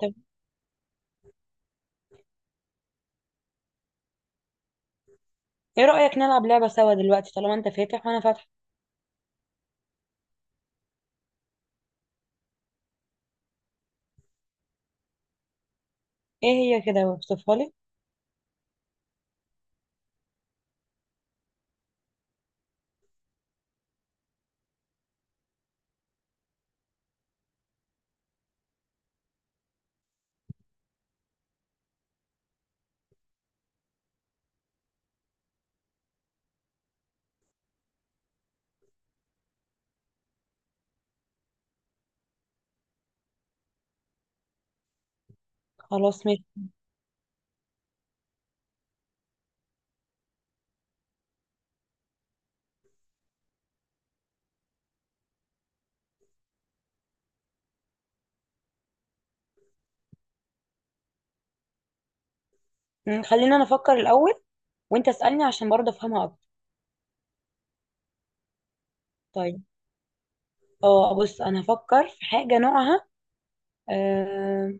طب، ايه رأيك نلعب لعبة سوا دلوقتي طالما انت فاتح وانا فاتحة؟ ايه هي كده، اوصفها لي. خلاص ماشي. خلينا انا افكر الاول، وانت اسألني عشان برضه افهمها اكتر. طيب، اه بص، انا هفكر في حاجة نوعها. آه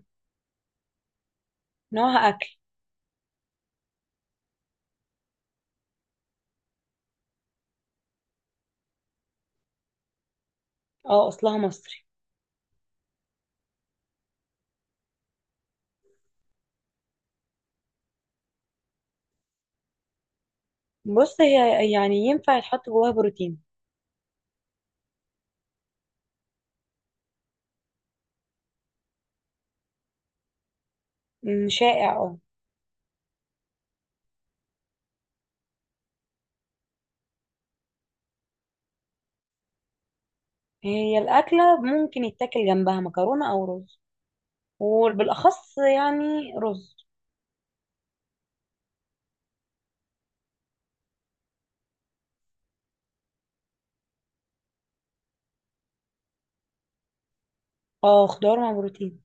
نوعها اكل. اه، اصلها مصري. بص، هي يعني ينفع يتحط جواها بروتين. شائع اه. هي الأكلة ممكن يتاكل جنبها مكرونة او رز، وبالاخص يعني رز. اه، خضار مع بروتين.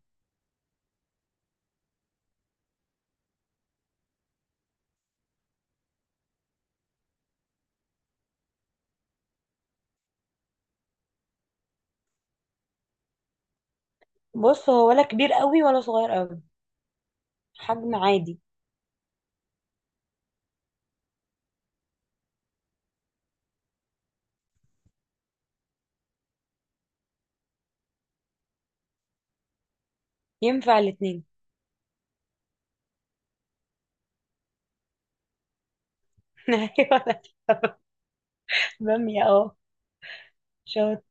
بص، هو ولا كبير قوي ولا صغير قوي، حجم عادي. ينفع الاتنين. ايوه. أنا. بامية اه. شاطر.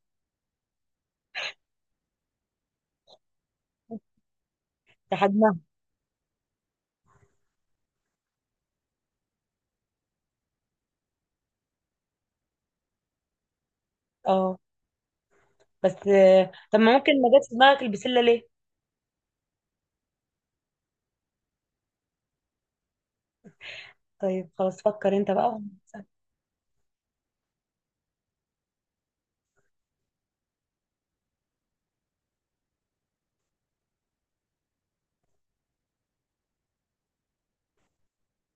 لحجمها. اه، بس طب ما ممكن ما جاتش في دماغك البسلة ليه؟ طيب، خلاص فكر انت بقى.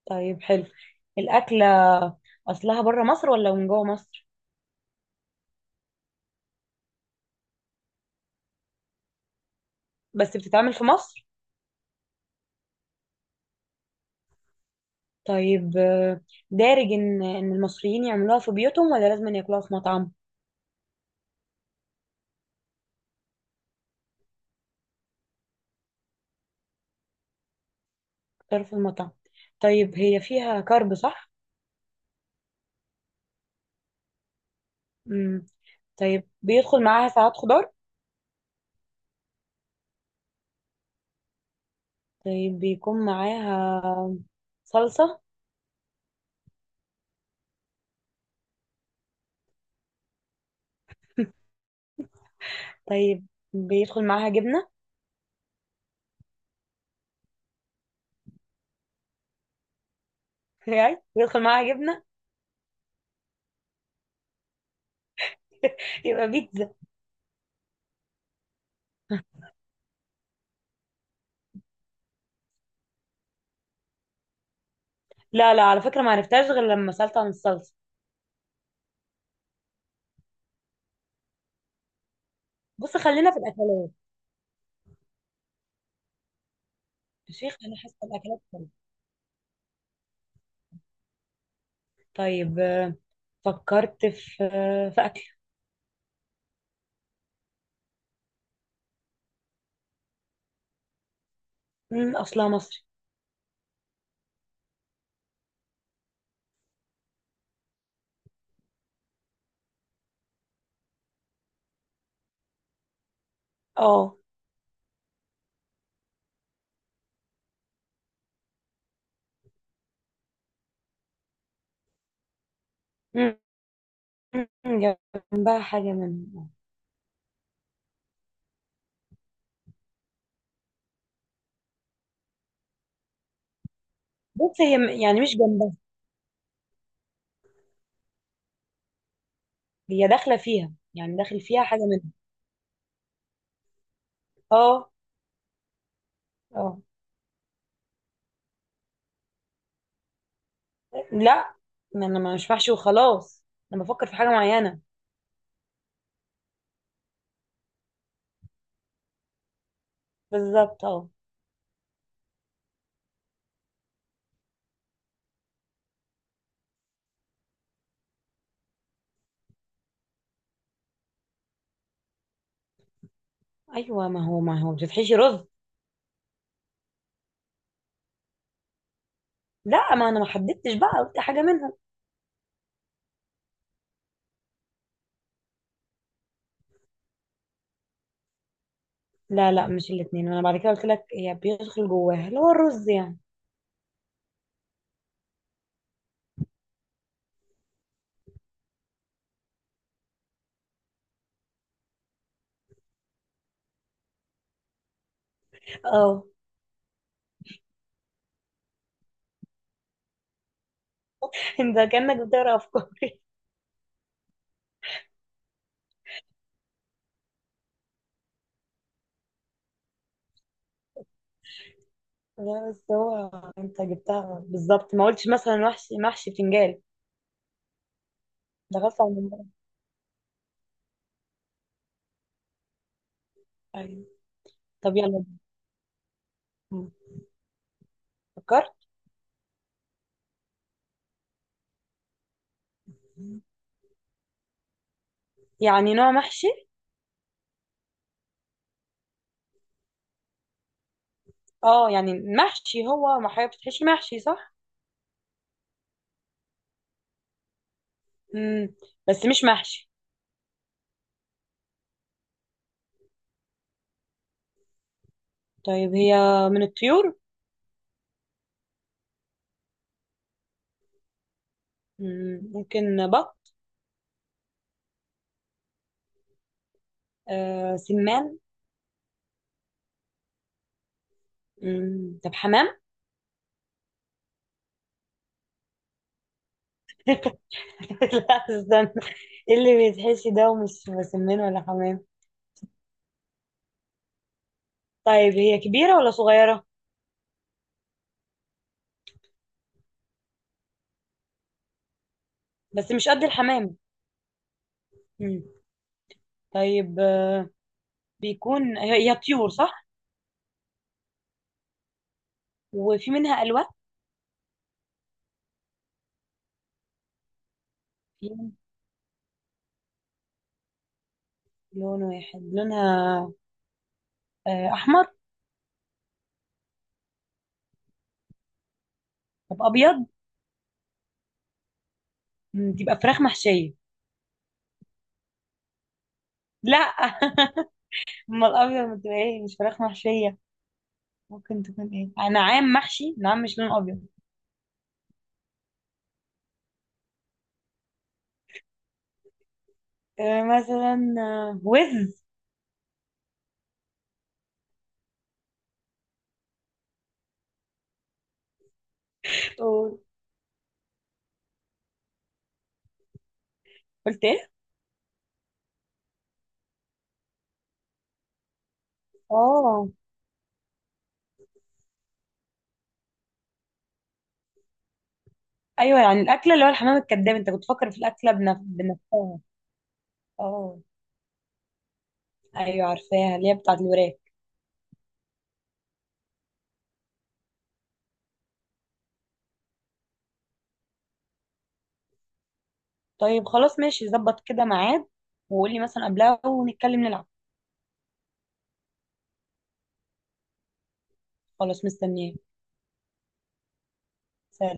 طيب حلو. الأكلة أصلها بره مصر ولا من جوه مصر؟ بس بتتعمل في مصر؟ طيب دارج إن المصريين يعملوها في بيوتهم ولا لازم ياكلوها في مطعم؟ اختار في المطعم. طيب هي فيها كارب صح؟ مم. طيب بيدخل معاها ساعات خضار؟ طيب بيكون معاها صلصة. طيب بيدخل معاها جبنة؟ يعني بيدخل معاها جبنة يبقى بيتزا. لا، لا، على فكرة، ما عرفتهاش غير لما سألت عن الصلصة. بص، خلينا في الأكلات. يا شيخ، أنا حاسة الأكلات حلوة. طيب، فكرت في في أكل. أصلها مصري. اه. مم، مم، جنبها حاجة منها. بص، هي يعني مش جنبها. هي داخلة فيها، يعني داخل فيها حاجة منها. اه، اه. لا، ما أنا مش محشي وخلاص. أنا بفكر في حاجة معينة. بالظبط اه. ايوه، ما هو بتتحشي رز. لا، ما انا ما حددتش بقى، قلت حاجه منهم. لا، لا، مش الاثنين، انا بعد كده قلت لك هي بيدخل جواها اللي هو الرز يعني. اه. انت كانك بتقرا افكاري. لا، بس هو انت جبتها بالظبط، ما قلتش مثلا وحش محشي بتنجان. ده غلط على الموضوع. ايوه. طب يلا. م. فكرت. يعني نوع محشي. اه، يعني محشي هو، ما حاجه بتتحشي محشي صح. امم. بس مش محشي. طيب هي من الطيور. مم. ممكن بط. سمان. مم. طب حمام. لا، استنى. إيه اللي بيتحشي ده ومش بسمان ولا حمام؟ طيب هي كبيرة ولا صغيرة؟ بس مش قد الحمام. مم. طيب، بيكون هي طيور صح؟ وفي منها ألوان؟ في لون واحد لونها. أحمر؟ طب أبيض؟ تبقى فراخ محشية؟ لا. أما الأبيض ما تبقى إيه، مش فراخ محشية؟ ممكن تكون إيه، نعام محشي؟ نعام مش لون أبيض. مثلا وز. قول- قلت إيه. اه، ايوه، يعني الاكله اللي هو الحمام الكذاب، انت كنت فاكر في الاكله بنفسها. اه، ايوه، عارفاها اللي هي بتاعت الوراك. طيب خلاص ماشي، ظبط كده ميعاد، وقولي مثلا قبلها ونتكلم نلعب. خلاص، مستنياه. سلام.